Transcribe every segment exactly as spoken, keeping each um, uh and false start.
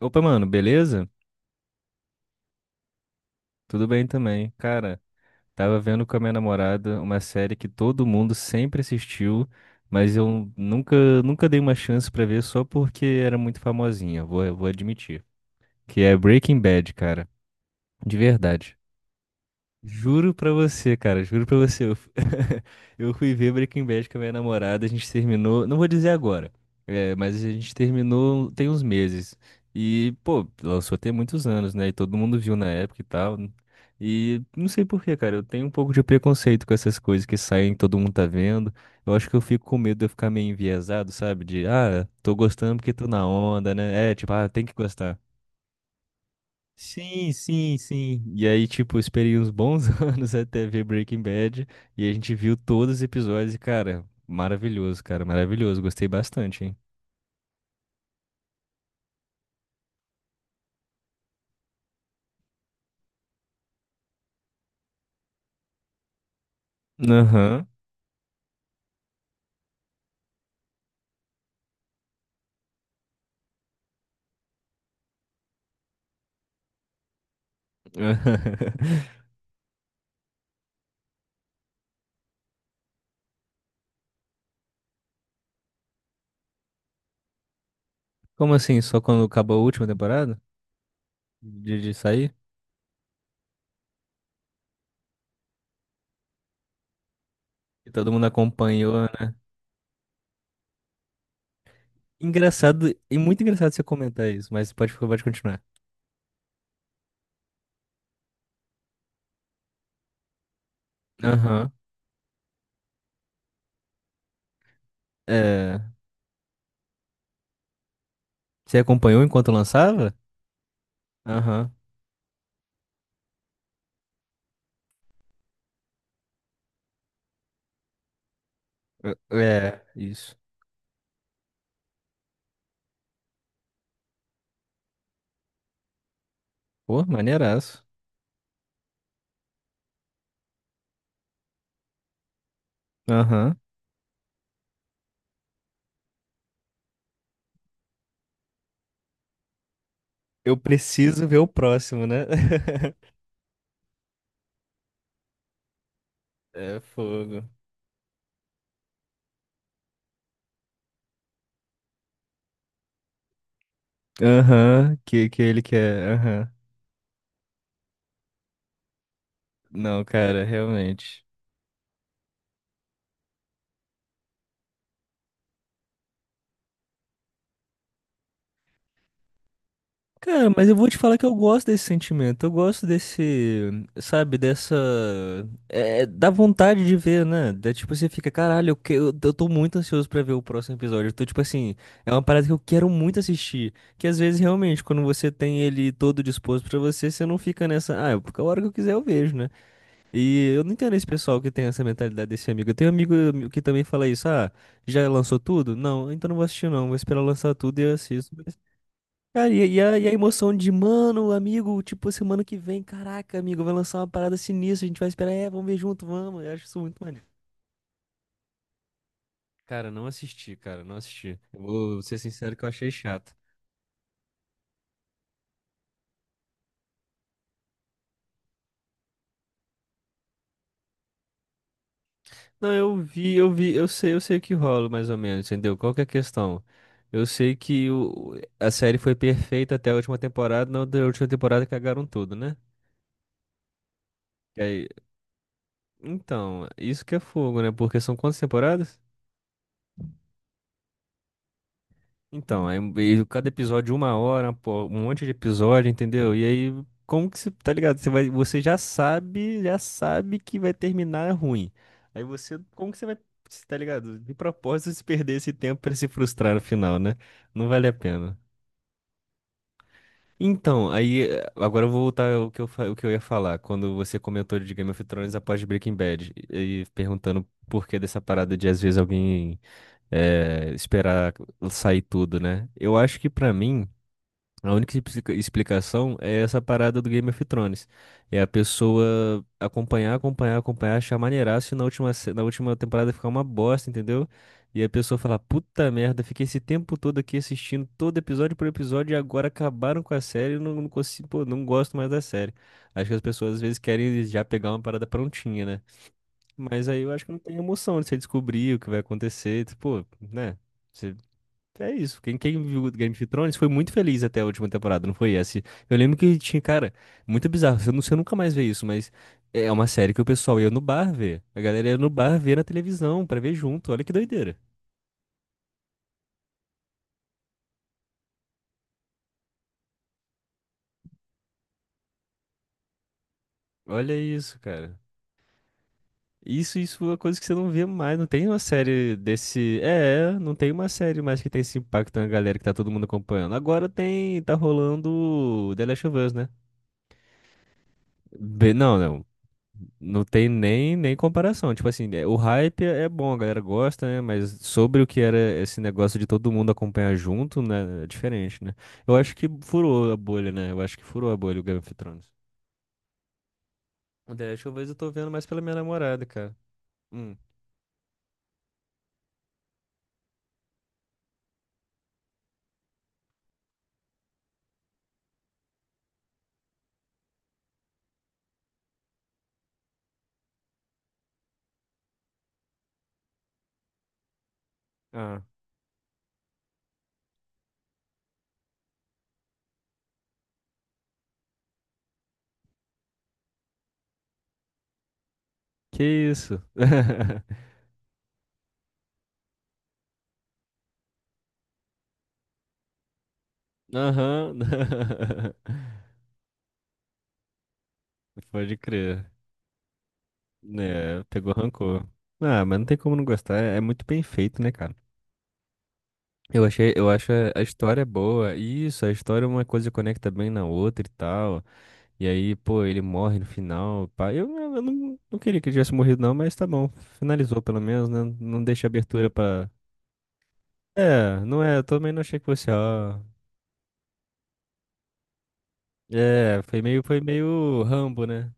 Opa, mano, beleza? Tudo bem também. Cara, tava vendo com a minha namorada uma série que todo mundo sempre assistiu, mas eu nunca, nunca dei uma chance pra ver só porque era muito famosinha, vou, vou admitir. Que é Breaking Bad, cara. De verdade. Juro pra você, cara, juro pra você. Eu, fu- eu fui ver Breaking Bad com a minha namorada, a gente terminou, não vou dizer agora, é, mas a gente terminou tem uns meses. E, pô, lançou tem muitos anos, né? E todo mundo viu na época e tal. E não sei por quê, cara, eu tenho um pouco de preconceito com essas coisas que saem, todo mundo tá vendo. Eu acho que eu fico com medo de eu ficar meio enviesado, sabe? De, ah, tô gostando porque tô na onda, né? É, tipo, ah, tem que gostar. Sim, sim, sim. E aí, tipo, eu esperei uns bons anos até ver Breaking Bad. E a gente viu todos os episódios e, cara, maravilhoso, cara, maravilhoso. Gostei bastante, hein? Aham. Como assim? Só quando acabou a última temporada? De, de sair? E todo mundo acompanhou, né? Engraçado, e muito engraçado você comentar isso, mas pode, pode continuar. Aham. É. Você acompanhou enquanto lançava? Aham. É, isso. Pô, maneiraço. Aham. Eu preciso ver o próximo, né? É fogo. Aham, que, que ele quer. Aham. Não, cara, realmente. Cara, mas eu vou te falar que eu gosto desse sentimento. Eu gosto desse, sabe, dessa. É, dá vontade de ver, né? Da, tipo, você fica, caralho, eu, que- eu, eu tô muito ansioso pra ver o próximo episódio. Eu tô, tipo assim, é uma parada que eu quero muito assistir. Que às vezes, realmente, quando você tem ele todo disposto pra você, você não fica nessa, ah, porque a hora que eu quiser eu vejo, né? E eu não entendo esse pessoal que tem essa mentalidade desse amigo. Eu tenho um amigo que também fala isso. Ah, já lançou tudo? Não, então não vou assistir não. Vou esperar lançar tudo e eu assisto. Mas, cara, e, e a, e a emoção de, mano, amigo, tipo, semana que vem, caraca, amigo, vai lançar uma parada sinistra, a gente vai esperar, é, vamos ver junto, vamos. Eu acho isso muito maneiro. Cara, não assisti, cara, não assisti. Eu vou ser sincero que eu achei chato. Não, eu vi, eu vi, eu sei, eu sei o que rola mais ou menos, entendeu? Qual que é a questão? Eu sei que o, a série foi perfeita até a última temporada, na da última temporada cagaram tudo, né? E aí- então, isso que é fogo, né? Porque são quantas temporadas? Então, aí um- e cada episódio uma hora, pô, um monte de episódio, entendeu? E aí, como que você, tá ligado? Você vai, você já sabe, já sabe que vai terminar ruim. Aí você, como que você vai, cê tá ligado? De propósito, se perder esse tempo pra se frustrar no final, né? Não vale a pena. Então, aí, eh, agora eu vou voltar ao que eu, fa- o que eu ia falar, quando você comentou de Game of Thrones após Breaking Bad, e, e perguntando por que dessa parada de, às vezes, alguém eh, esperar sair tudo, né? Eu acho que, pra mim, a única explica- explicação é essa parada do Game of Thrones. É a pessoa acompanhar, acompanhar, acompanhar, achar maneiraço e na última, se- na última temporada ficar uma bosta, entendeu? E a pessoa falar, puta merda, fiquei esse tempo todo aqui assistindo todo episódio por episódio e agora acabaram com a série e não, não consigo, pô, não gosto mais da série. Acho que as pessoas às vezes querem já pegar uma parada prontinha, né? Mas aí eu acho que não tem emoção de você descobrir o que vai acontecer, tipo, pô, né? É isso. Quem, quem viu Game of Thrones foi muito feliz até a última temporada, não foi essa? Eu lembro que tinha, cara, muito bizarro. Eu não sei, eu nunca mais ver isso, mas é uma série que o pessoal ia no bar ver. A galera ia no bar ver na televisão pra ver junto. Olha que doideira. Olha isso, cara. Isso, isso é uma coisa que você não vê mais. Não tem uma série desse. É, é, não tem uma série mais que tem esse impacto na galera que tá todo mundo acompanhando. Agora tem, tá rolando The Last of Us, né? Be- Não, não. Não tem nem, nem comparação. Tipo assim, é- o hype é é bom, a galera gosta, né? Mas sobre o que era esse negócio de todo mundo acompanhar junto, né? É diferente, né? Eu acho que furou a bolha, né? Eu acho que furou a bolha o Game of Thrones. O The Last of Us eu tô vendo mais pela minha namorada, cara. Hum. Ah. Que isso? Aham. Pode crer. É, pegou rancor. Ah, mas não tem como não gostar. É é muito bem feito, né, cara? Eu achei, eu acho a a história boa. E Isso, a história uma coisa conecta bem na outra e tal. E aí, pô, ele morre no final. Pá. Eu, eu eu não, não queria que ele tivesse morrido, não, mas tá bom. Finalizou pelo menos, né? Não deixa abertura pra. É, não é, eu também não achei que fosse, ó. É, foi meio, foi meio Rambo, né?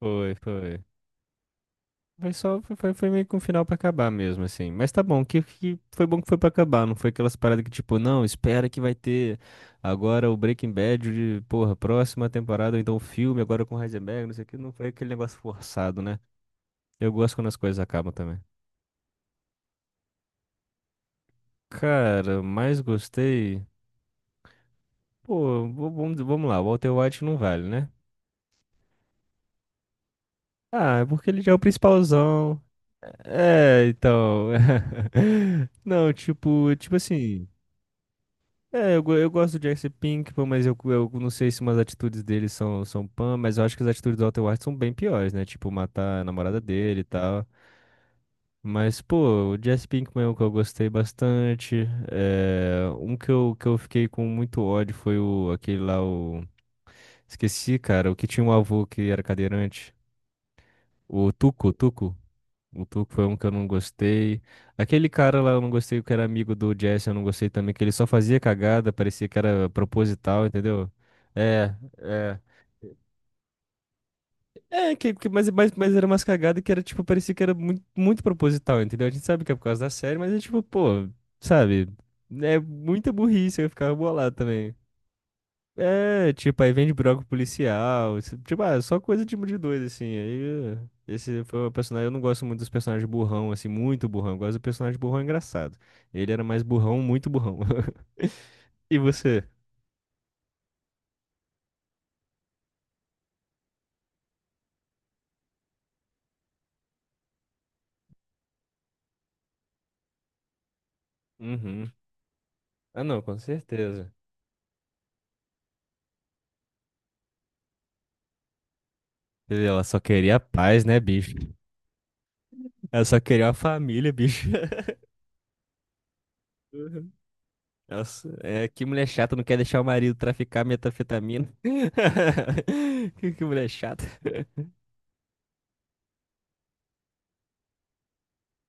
Foi, foi. Foi só, foi, foi foi meio que um final pra acabar mesmo, assim. Mas tá bom, que, que foi bom que foi pra acabar, não foi aquelas paradas que tipo, não, espera que vai ter agora o Breaking Bad de, porra, próxima temporada, ou então o filme agora com Heisenberg, não sei o que, não foi aquele negócio forçado, né? Eu gosto quando as coisas acabam também. Cara, mais gostei. Pô, v- vamos, vamos lá, o Walter White não vale, né? Ah, é porque ele já é o principalzão. É, então. Não, tipo, tipo assim. É, eu, go- eu gosto do Jesse Pinkman, mas eu, eu não sei se umas atitudes dele são, são pan, mas eu acho que as atitudes do Walter White são bem piores, né? Tipo, matar a namorada dele e tal. Mas, pô, o Jesse Pinkman é um que eu gostei bastante. É, um que eu, que eu fiquei com muito ódio foi o, aquele lá, o... Esqueci, cara, o que tinha um avô que era cadeirante. O Tuco, Tuco. O Tuco foi um que eu não gostei. Aquele cara lá eu não gostei, que era amigo do Jesse, eu não gostei também, que ele só fazia cagada, parecia que era proposital, entendeu? É, é. É, que, que, mas, mas, mas era umas cagadas que era, tipo, parecia que era muito, muito proposital, entendeu? A gente sabe que é por causa da série, mas é tipo, pô, sabe? É muita burrice, eu ficava bolado também. É, tipo, aí vende broco policial. isso- Tipo, ah, só coisa tipo de dois, assim. Aí, eh, esse foi o personagem. Eu não gosto muito dos personagens burrão, assim, muito burrão. Eu gosto do personagem burrão engraçado. Ele era mais burrão, muito burrão. E você? Uhum. Ah, não, com certeza. Ela só queria paz, né, bicho? Ela só queria uma família, bicho. Uhum. Nossa, é que mulher chata não quer deixar o marido traficar metanfetamina. Que, que mulher chata.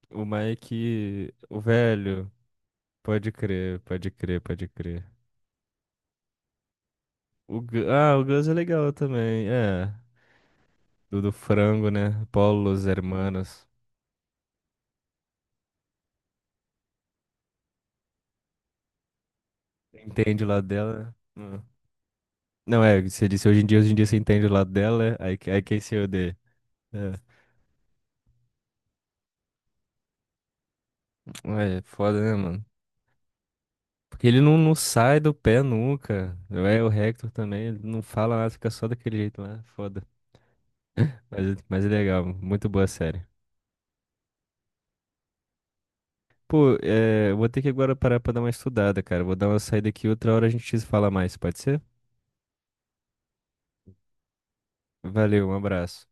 O Mike, o velho. Pode crer, pode crer, pode crer. O, Gu- ah, o Gus é legal também, é. Do, do frango, né? Paulo, os hermanos. Entende o lado dela? Né? Não, é, você disse hoje em dia, hoje em dia você entende o lado dela, é, aí, que- aí quem se odeia. É. Ué, é foda, né, mano? Porque ele não, não sai do pé nunca. É, o Hector também, ele não fala nada, fica só daquele jeito lá, é foda. Mas, mas é legal, muito boa a série. Pô, é, eu vou ter que agora parar pra dar uma estudada, cara. Vou dar uma saída aqui, outra hora a gente fala mais, pode ser? Valeu, um abraço.